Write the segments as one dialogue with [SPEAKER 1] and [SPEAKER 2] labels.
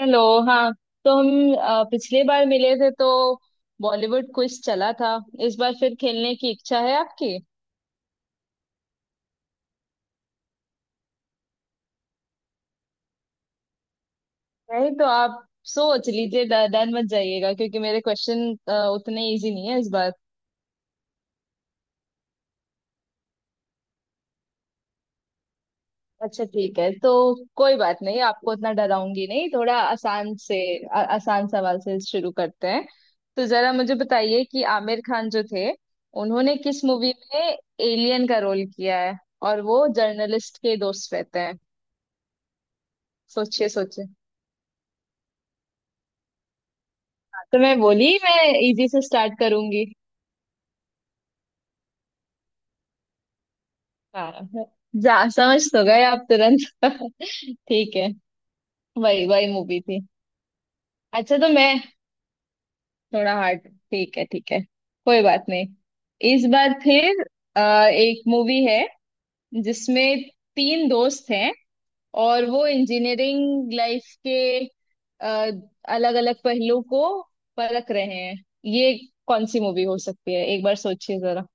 [SPEAKER 1] Hello. हाँ। तो हम पिछली बार मिले थे तो बॉलीवुड क्विज चला था। इस बार फिर खेलने की इच्छा है आपकी? नहीं तो आप सोच लीजिए। डर मत जाइएगा क्योंकि मेरे क्वेश्चन उतने इजी नहीं है इस बार। अच्छा ठीक है। तो कोई बात नहीं, आपको उतना डराऊंगी नहीं, थोड़ा आसान से आसान सवाल से शुरू करते हैं। तो जरा मुझे बताइए कि आमिर खान जो थे, उन्होंने किस मूवी में एलियन का रोल किया है और वो जर्नलिस्ट के दोस्त रहते हैं? सोचिए सोचिए। तो मैं बोली मैं इजी से स्टार्ट करूंगी। हाँ हाँ, जा समझ तो गए आप तुरंत। ठीक है, वही वही मूवी थी। अच्छा तो मैं थोड़ा हार्ड, ठीक है ठीक है, कोई बात नहीं। इस बार फिर, अ, एक मूवी है जिसमें तीन दोस्त हैं और वो इंजीनियरिंग लाइफ के अलग अलग पहलू को परख रहे हैं। ये कौन सी मूवी हो सकती है, एक बार सोचिए जरा।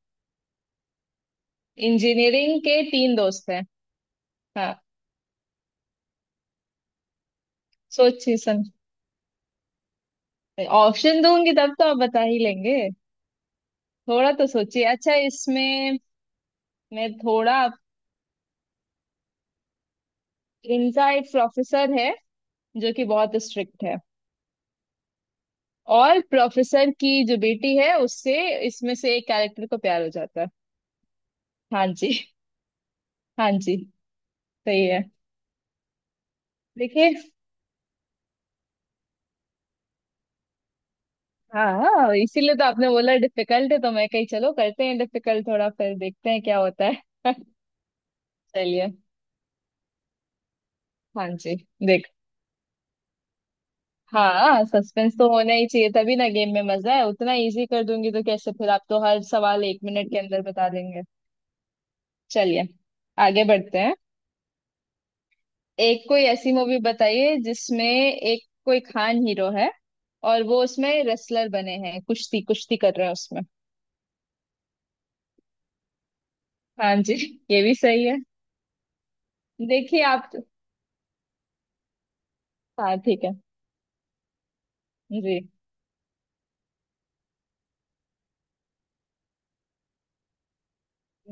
[SPEAKER 1] इंजीनियरिंग के तीन दोस्त हैं, हाँ। सोचिए समझ, ऑप्शन दूंगी तब तो आप बता ही लेंगे। थोड़ा तो सोचिए। अच्छा, इसमें, मैं थोड़ा, इनका एक प्रोफेसर है जो कि बहुत स्ट्रिक्ट है, और प्रोफेसर की जो बेटी है उससे इसमें से एक कैरेक्टर को प्यार हो जाता है। हाँ जी, हाँ जी, सही है। देखिए, हाँ, इसीलिए तो आपने बोला डिफिकल्ट है, तो मैं कही चलो करते हैं डिफिकल्ट, थोड़ा फिर देखते हैं क्या होता है। चलिए, हाँ जी, देखते। हाँ, सस्पेंस तो होना ही चाहिए, तभी ना गेम में मजा है। उतना इजी कर दूंगी तो कैसे, फिर आप तो हर सवाल एक मिनट के अंदर बता देंगे। चलिए आगे बढ़ते हैं। एक कोई ऐसी मूवी बताइए जिसमें एक कोई खान हीरो है, और वो उसमें रेसलर बने हैं, कुश्ती कुश्ती कर रहे हैं उसमें। हाँ जी, ये भी सही है। देखिए आप तो, हाँ ठीक है। जी।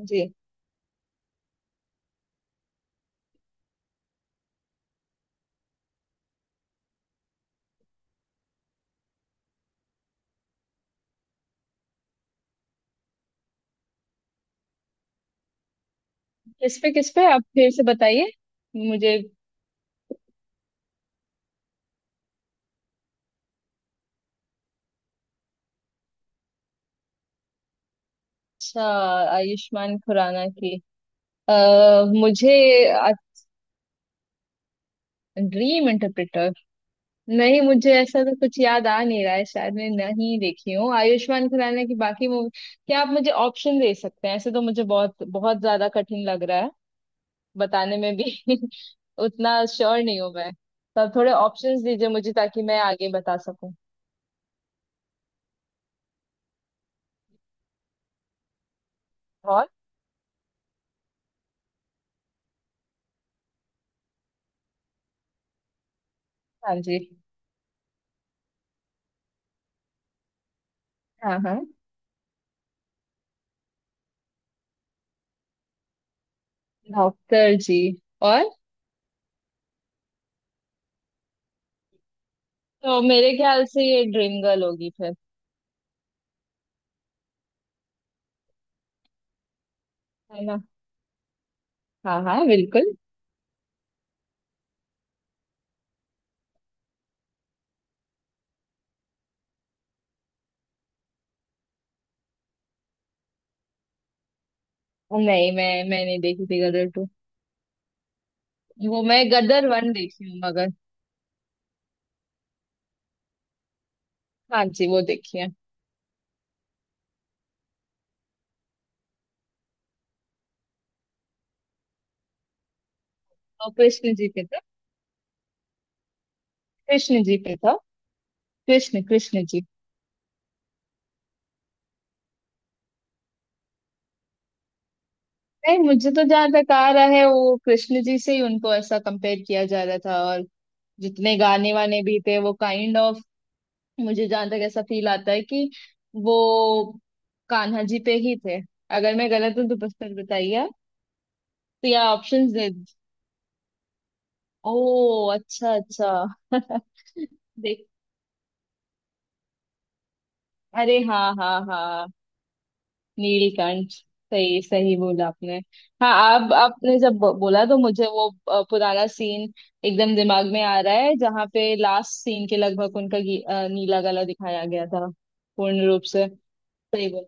[SPEAKER 1] जी। किस पे, किस पे आप फिर से बताइए मुझे। अच्छा, आयुष्मान खुराना की, अ मुझे ड्रीम इंटरप्रेटर, नहीं मुझे ऐसा तो कुछ याद आ नहीं रहा है, शायद मैं नहीं देखी हूँ आयुष्मान खुराना की बाकी मूवी। क्या आप मुझे ऑप्शन दे सकते हैं? ऐसे तो मुझे बहुत बहुत ज्यादा कठिन लग रहा है बताने में भी। उतना श्योर नहीं हूँ मैं, तो आप थोड़े ऑप्शंस दीजिए मुझे ताकि मैं आगे बता सकूं। और, हाँ जी, हाँ हाँ, डॉक्टर जी और, तो मेरे ख्याल से ये ड्रीम गर्ल होगी फिर। है ना। हाँ हाँ बिल्कुल। नहीं मैं नहीं देखी थी गदर टू। वो मैं गदर वन देखी हूँ मगर, हाँ जी वो देखिए। और कृष्ण जी पे था, कृष्ण जी पे था। कृष्ण कृष्ण जी। नहीं मुझे तो जहां तक आ रहा है वो कृष्ण जी से ही उनको ऐसा कंपेयर किया जा रहा था, और जितने गाने वाने भी थे वो काइंड ऑफ, मुझे जहां तक ऐसा फील आता है कि वो कान्हा जी पे ही थे। अगर मैं गलत हूँ तो बस पर बताइए आप। तो या ऑप्शंस दे। ओ अच्छा अच्छा। देख, अरे हाँ हाँ हाँ, नीलकंठ। सही सही बोला आपने। हाँ आप आपने जब बोला तो मुझे वो पुराना सीन एकदम दिमाग में आ रहा है जहाँ पे लास्ट सीन के लगभग उनका नीला गला दिखाया गया था। पूर्ण रूप से सही बोल,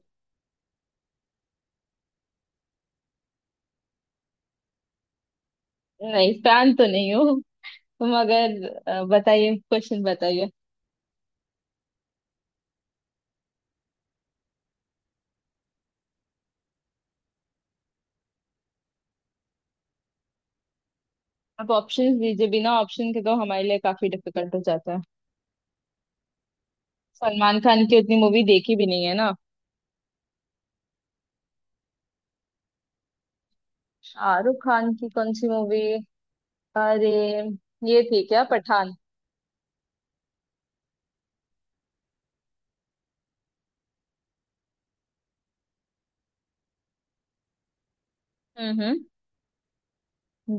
[SPEAKER 1] नहीं फैन तो नहीं हूँ मगर, बताइए क्वेश्चन बताइए। आप ऑप्शंस दीजिए, बिना ऑप्शन के तो हमारे लिए काफी डिफिकल्ट हो जाता है। सलमान खान की उतनी मूवी देखी भी नहीं है ना। शाहरुख खान की कौन सी मूवी? अरे ये थी क्या पठान? हम्म।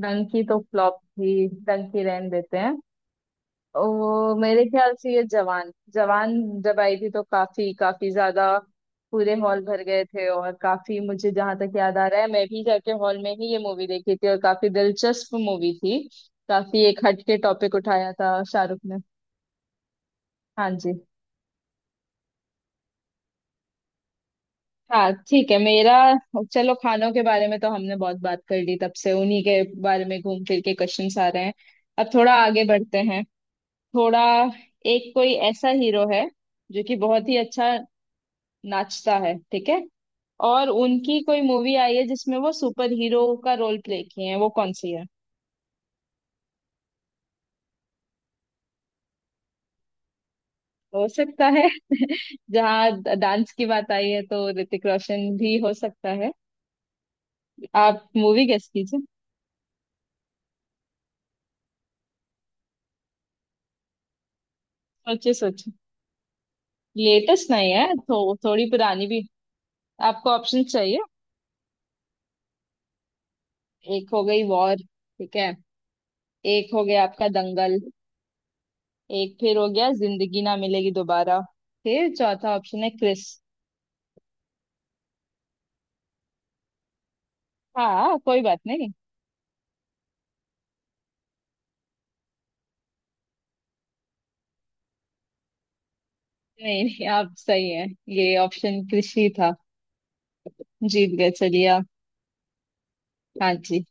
[SPEAKER 1] डंकी तो फ्लॉप थी, डंकी रहने देते हैं। वो मेरे ख्याल से ये जवान, जवान जब आई थी तो काफी काफी ज्यादा पूरे हॉल भर गए थे, और काफी मुझे जहां तक याद आ रहा है मैं भी जाके हॉल में ही ये मूवी देखी थी, और काफी दिलचस्प मूवी थी। काफी एक हटके टॉपिक उठाया था शाहरुख ने। हाँ जी। हाँ ठीक है। मेरा, चलो खानों के बारे में तो हमने बहुत बात कर ली, तब से उन्हीं के बारे में घूम फिर के क्वेश्चंस आ रहे हैं। अब थोड़ा आगे बढ़ते हैं। थोड़ा, एक कोई ऐसा हीरो है जो कि बहुत ही अच्छा नाचता है, ठीक है, और उनकी कोई मूवी आई है जिसमें वो सुपर हीरो का रोल प्ले किए हैं, वो कौन सी है? हो सकता है। जहाँ डांस की बात आई है तो ऋतिक रोशन भी हो सकता है। आप मूवी गेस कीजिए। सोचिए सोचिए। लेटेस्ट नहीं है तो थोड़ी पुरानी भी। आपको ऑप्शन चाहिए? एक हो गई वॉर, ठीक है, एक हो गया आपका दंगल, एक फिर हो गया जिंदगी ना मिलेगी दोबारा, फिर चौथा ऑप्शन है क्रिस। हाँ कोई बात नहीं। नहीं नहीं, आप सही हैं। ये ऑप्शन क्रिस ही था, जीत गए चलिए आप। हाँ जी।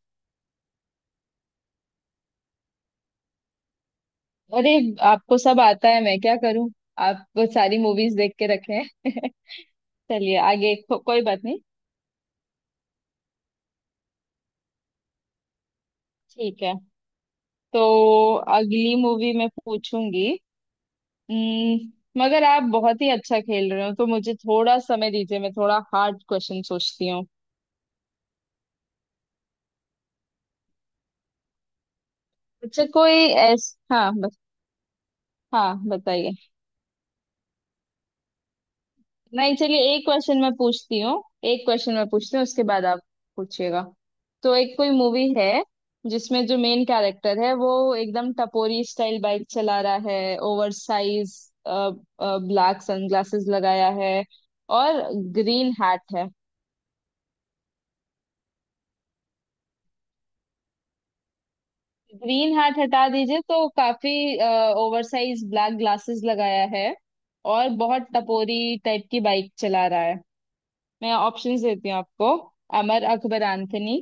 [SPEAKER 1] अरे, आपको सब आता है, मैं क्या करूं? आप वो सारी मूवीज देख के रखे हैं। चलिए आगे को, कोई बात नहीं। ठीक है। तो अगली मूवी मैं पूछूंगी। हम्म, मगर आप बहुत ही अच्छा खेल रहे हो तो मुझे थोड़ा समय दीजिए, मैं थोड़ा हार्ड क्वेश्चन सोचती हूँ। अच्छा कोई ऐस हाँ, हाँ बताइए। नहीं चलिए, एक क्वेश्चन मैं पूछती हूँ, एक क्वेश्चन मैं पूछती हूँ उसके बाद आप पूछिएगा। तो एक कोई मूवी है जिसमें जो मेन कैरेक्टर है वो एकदम टपोरी स्टाइल बाइक चला रहा है, ओवर साइज ब्लैक सनग्लासेस लगाया है, और ग्रीन हैट है। ग्रीन हैट हटा दीजिए तो काफी, ओवर साइज ब्लैक ग्लासेस लगाया है और बहुत टपोरी टाइप की बाइक चला रहा है। मैं ऑप्शंस देती हूँ आपको। अमर अकबर एंथनी,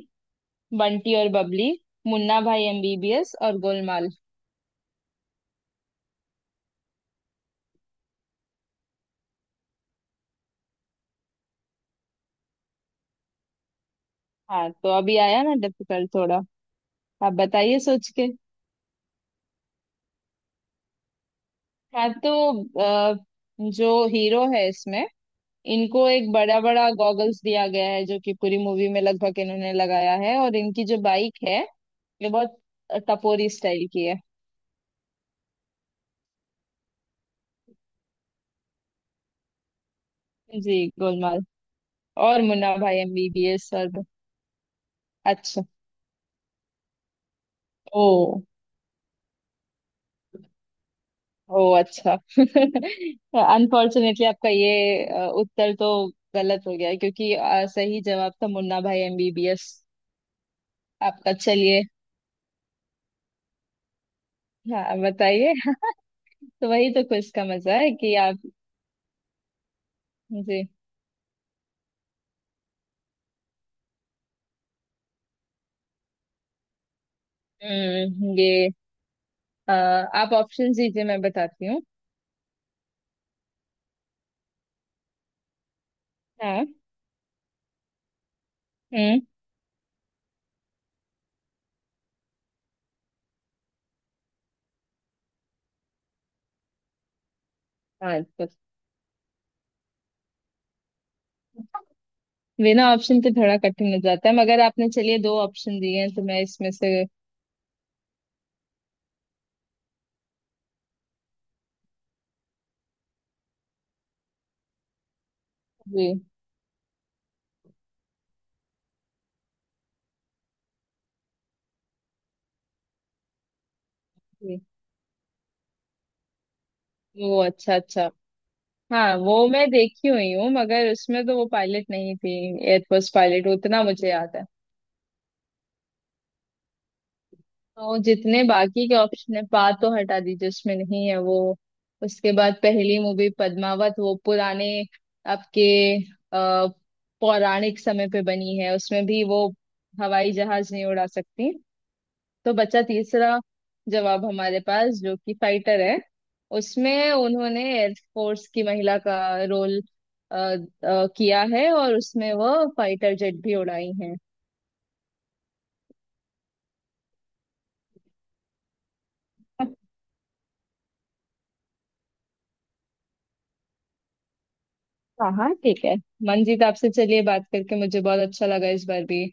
[SPEAKER 1] बंटी और बबली, मुन्ना भाई एमबीबीएस और गोलमाल। हाँ तो अभी आया ना डिफिकल्ट थोड़ा। आप बताइए सोच के। हाँ तो, आ, जो हीरो है इसमें इनको एक बड़ा बड़ा गॉगल्स दिया गया है जो कि पूरी मूवी में लगभग इन्होंने लगाया है, और इनकी जो बाइक है ये बहुत टपोरी स्टाइल की है। जी गोलमाल और मुन्ना भाई एमबीबीएस और अच्छा। ओ, ओ अच्छा। अनफॉर्चुनेटली आपका ये उत्तर तो गलत हो गया क्योंकि सही जवाब था मुन्ना भाई एमबीबीएस। आपका चलिए, हाँ बताइए। तो वही तो क्विज का मजा है कि आप। जी, हम्म, ये, आप ऑप्शन दीजिए मैं बताती हूँ। हाँ। हम्म। हाँ तो बिना ऑप्शन के थोड़ा कठिन हो जाता है, मगर आपने चलिए दो ऑप्शन दिए हैं तो मैं इसमें से, जी, जी, वो अच्छा अच्छा। हाँ वो मैं देखी हुई हूँ मगर उसमें तो वो पायलट नहीं थी। एयरफोर्स पायलट उतना मुझे याद है। तो जितने बाकी के ऑप्शन है, पा तो हटा दीजिए उसमें नहीं है वो। उसके बाद पहली मूवी पद्मावत वो पुराने आपके अ, पौराणिक समय पे बनी है, उसमें भी वो हवाई जहाज नहीं उड़ा सकती। तो बचा तीसरा जवाब हमारे पास जो कि फाइटर है। उसमें उन्होंने एयरफोर्स की महिला का रोल किया है और उसमें वो फाइटर जेट भी उड़ाई हैं। अच्छा हाँ ठीक है। मनजीत आपसे चलिए बात करके मुझे बहुत अच्छा लगा इस बार भी।